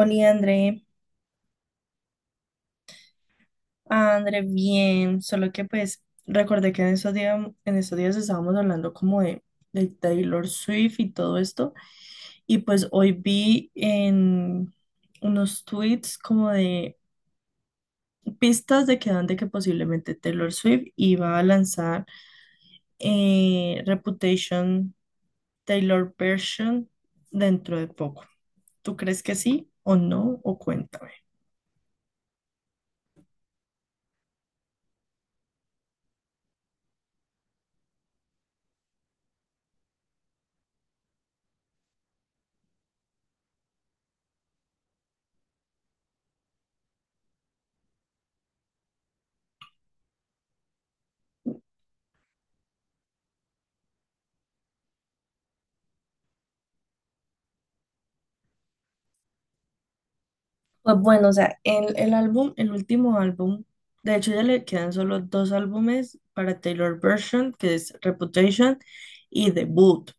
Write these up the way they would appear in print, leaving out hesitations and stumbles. Oli, André. André, bien, solo que pues recordé que en esos días, estábamos hablando como de Taylor Swift y todo esto, y pues hoy vi en unos tweets como de pistas de que dan de que posiblemente Taylor Swift iba a lanzar Reputation Taylor Version dentro de poco. ¿Tú crees que sí o no? O cuéntame. Pues bueno, o sea, el álbum, el último álbum, de hecho ya le quedan solo dos álbumes para Taylor Version, que es Reputation y Debut,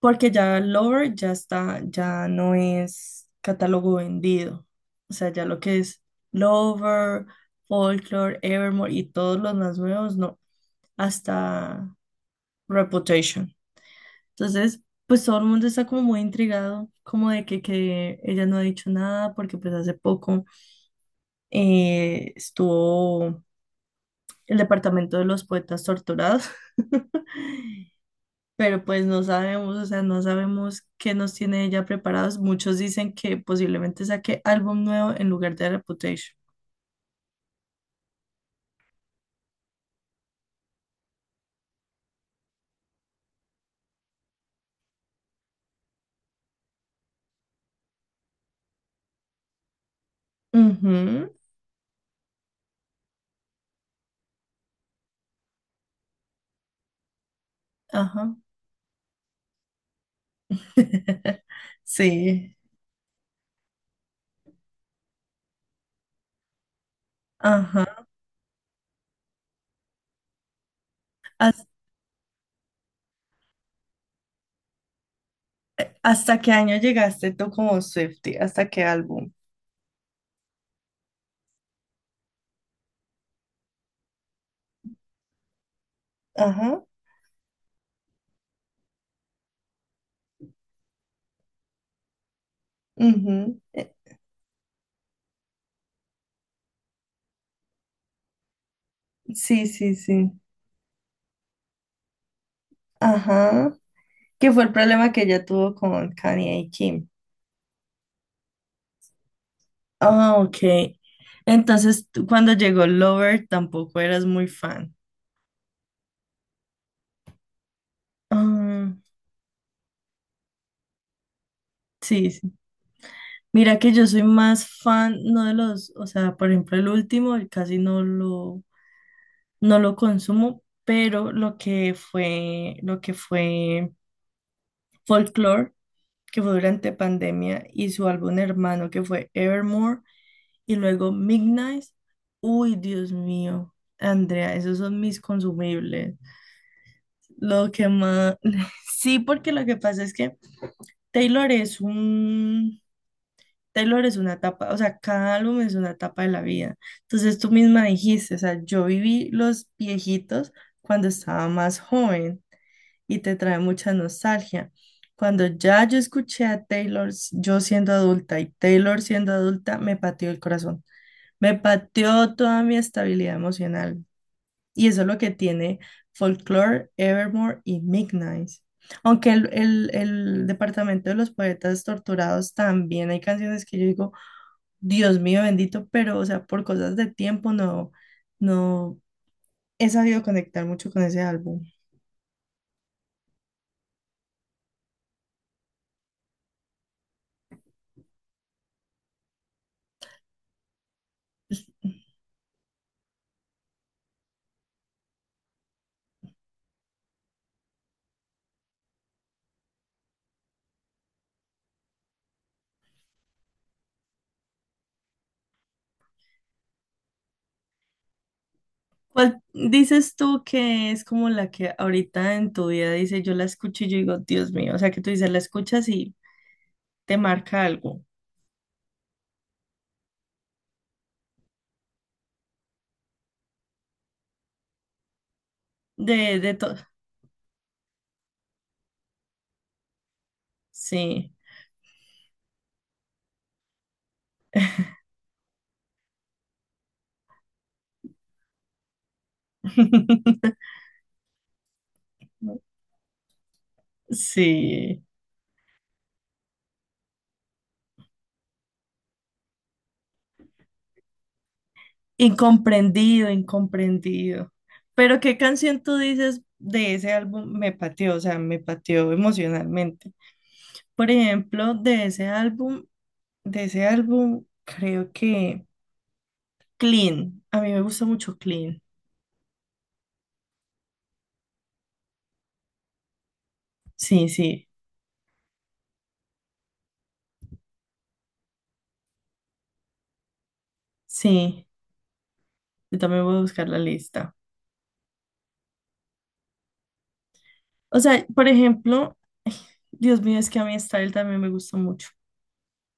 porque ya Lover ya está, ya no es catálogo vendido. O sea, ya lo que es Lover, Folklore, Evermore y todos los más nuevos, no, hasta Reputation. Entonces, pues todo el mundo está como muy intrigado, como de que ella no ha dicho nada, porque pues hace poco estuvo el departamento de los poetas torturados, pero pues no sabemos, o sea, no sabemos qué nos tiene ella preparados. Muchos dicen que posiblemente saque álbum nuevo en lugar de Reputation. Ujú, ajá. Sí, ajá. ¿Has- ¿Hasta qué año llegaste tú como Swiftie? ¿Hasta qué álbum? Ajá. Ujú. Sí, sí, sí. Ajá. Que fue el problema que ella tuvo con Kanye y Kim. Ah, ok. Entonces, tú cuando llegó Lover tampoco eras muy fan. Ah, sí, sí. Mira que yo soy más fan, no de los, o sea, por ejemplo, el último, el casi no lo, no lo consumo, pero lo que fue Folklore, que fue durante pandemia, y su álbum hermano que fue Evermore. Y luego Midnight. Uy, Dios mío. Andrea, esos son mis consumibles. Lo que más... Sí, porque lo que pasa es que Taylor es un... Taylor es una etapa, o sea, cada álbum es una etapa de la vida. Entonces tú misma dijiste, o sea, yo viví los viejitos cuando estaba más joven y te trae mucha nostalgia. Cuando ya yo escuché a Taylor, yo siendo adulta y Taylor siendo adulta, me pateó el corazón. Me pateó toda mi estabilidad emocional. Y eso es lo que tiene Folklore, Evermore y Midnight. Aunque el Departamento de los Poetas Torturados también hay canciones que yo digo, Dios mío bendito, pero o sea, por cosas de tiempo no, no he sabido conectar mucho con ese álbum. ¿Cuál dices tú que es como la que ahorita en tu vida dice, yo la escucho y yo digo, Dios mío, o sea, que tú dices, la escuchas y te marca algo de todo? Sí. Sí, incomprendido, incomprendido. Pero ¿qué canción tú dices de ese álbum me pateó? O sea, me pateó emocionalmente. Por ejemplo, de ese álbum, creo que Clean. A mí me gusta mucho Clean. Sí, sí, sí. Yo también voy a buscar la lista. O sea, por ejemplo, Dios mío, es que a mí Style también me gusta mucho.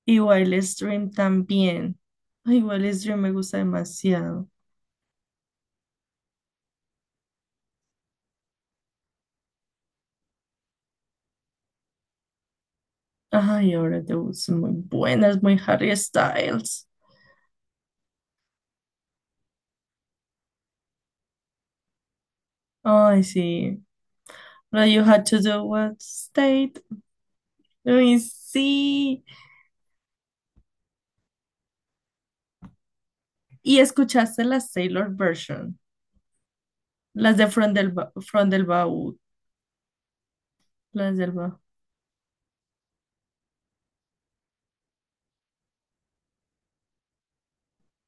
Y Wildest Dream también. Ay, Wildest Dream me gusta demasiado. Ay, ahora te gustan muy buenas, muy Harry Styles. Ay, sí. But you had to do what state. Ay, sí. ¿Y escuchaste las Taylor version? Las de From del, Ba- From del Baúl. Las del Baúl.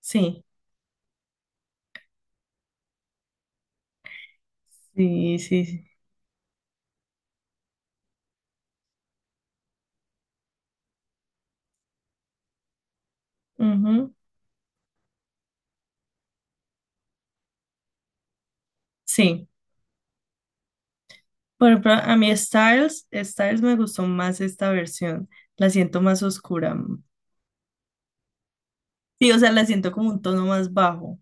Sí. Sí, sí, sí. Ujú. Sí. Por ejemplo, a mí Styles me gustó más esta versión. La siento más oscura. Sí, o sea, la siento como un tono más bajo.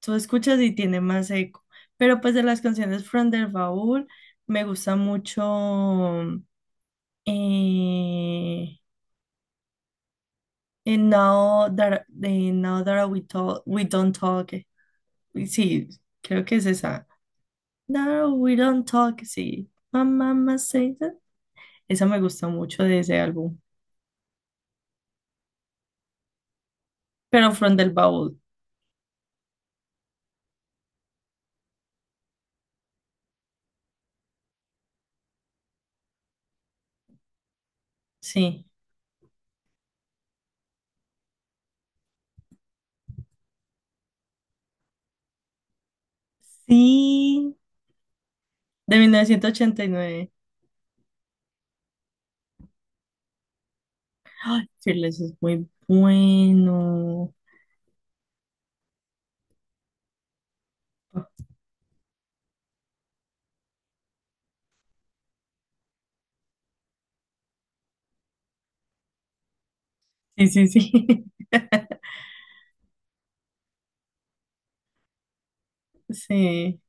Tú escuchas y tiene más eco. Pero pues de las canciones From the Vault me gusta mucho eh, Now That We Talk, We Don't Talk. Uy, sí, creo que es esa. Now We Don't Talk, sí. My mama say that. Esa me gusta mucho de ese álbum. Pero From the Vault sí. Sí, de 1989. Ay, Fearless es muy bueno. Sí, sí, sí. Sí,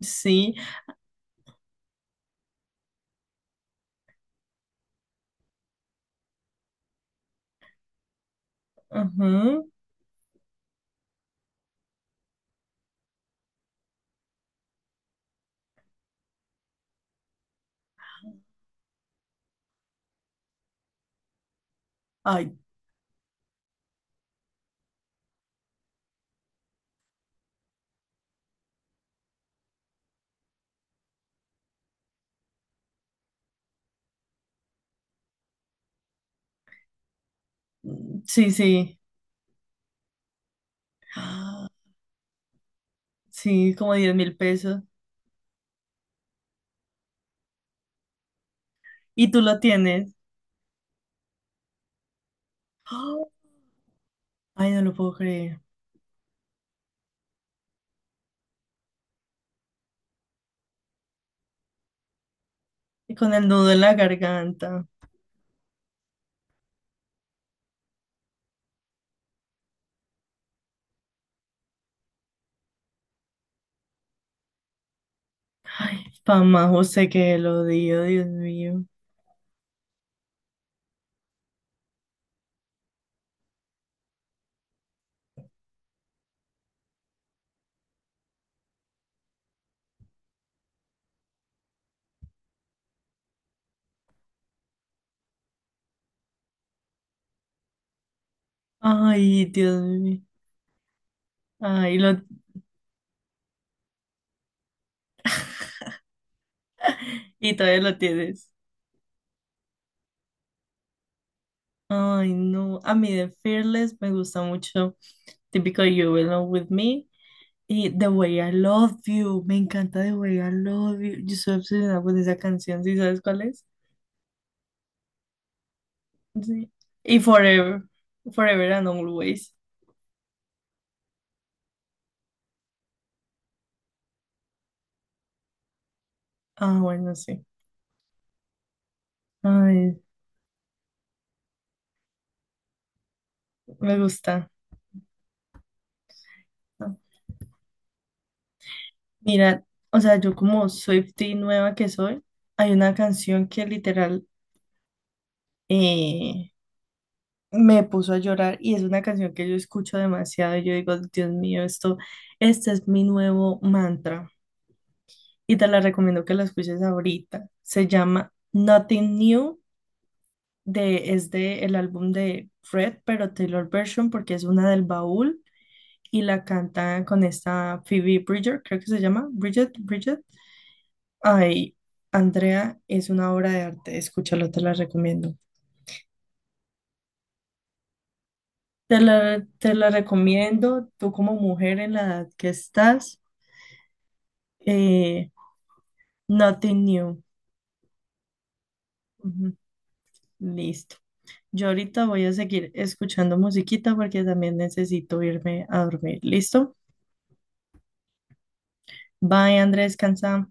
sí, ujú. Ay, sí, sí. Ah, sí, como 10.000 pesos. Y tú lo tienes. Ah, ay, no lo puedo creer. Y con el nudo en la garganta. Ay, Pamá José, que lo dio, Dios mío. Ay, Dios mío. Ay, lo, y todavía lo tienes. Ay, no. A mí de Fearless me gusta mucho. Típico You Belong With Me. Y The Way I Love You, me encanta The Way I Love You. Yo soy obsesionada con esa canción, ¿sí sabes cuál es? Sí. Y Forever and Always. Ah, bueno, sí. Ay, me gusta. Ah, mira, o sea, yo como Swiftie nueva que soy, hay una canción que literal eh, me puso a llorar y es una canción que yo escucho demasiado y yo digo, Dios mío, esto, este es mi nuevo mantra. Y te la recomiendo que la escuches ahorita. Se llama Nothing New, de, es de el álbum de Fred, pero Taylor Version, porque es una del baúl y la canta con esta Phoebe Bridger, creo que se llama Bridget. Ay, Andrea, es una obra de arte, escúchala, te la recomiendo. Te la recomiendo, tú como mujer en la edad que estás, eh, Nothing New. Ujú. Listo. Yo ahorita voy a seguir escuchando musiquita porque también necesito irme a dormir. ¿Listo? Bye, Andrés, descansa.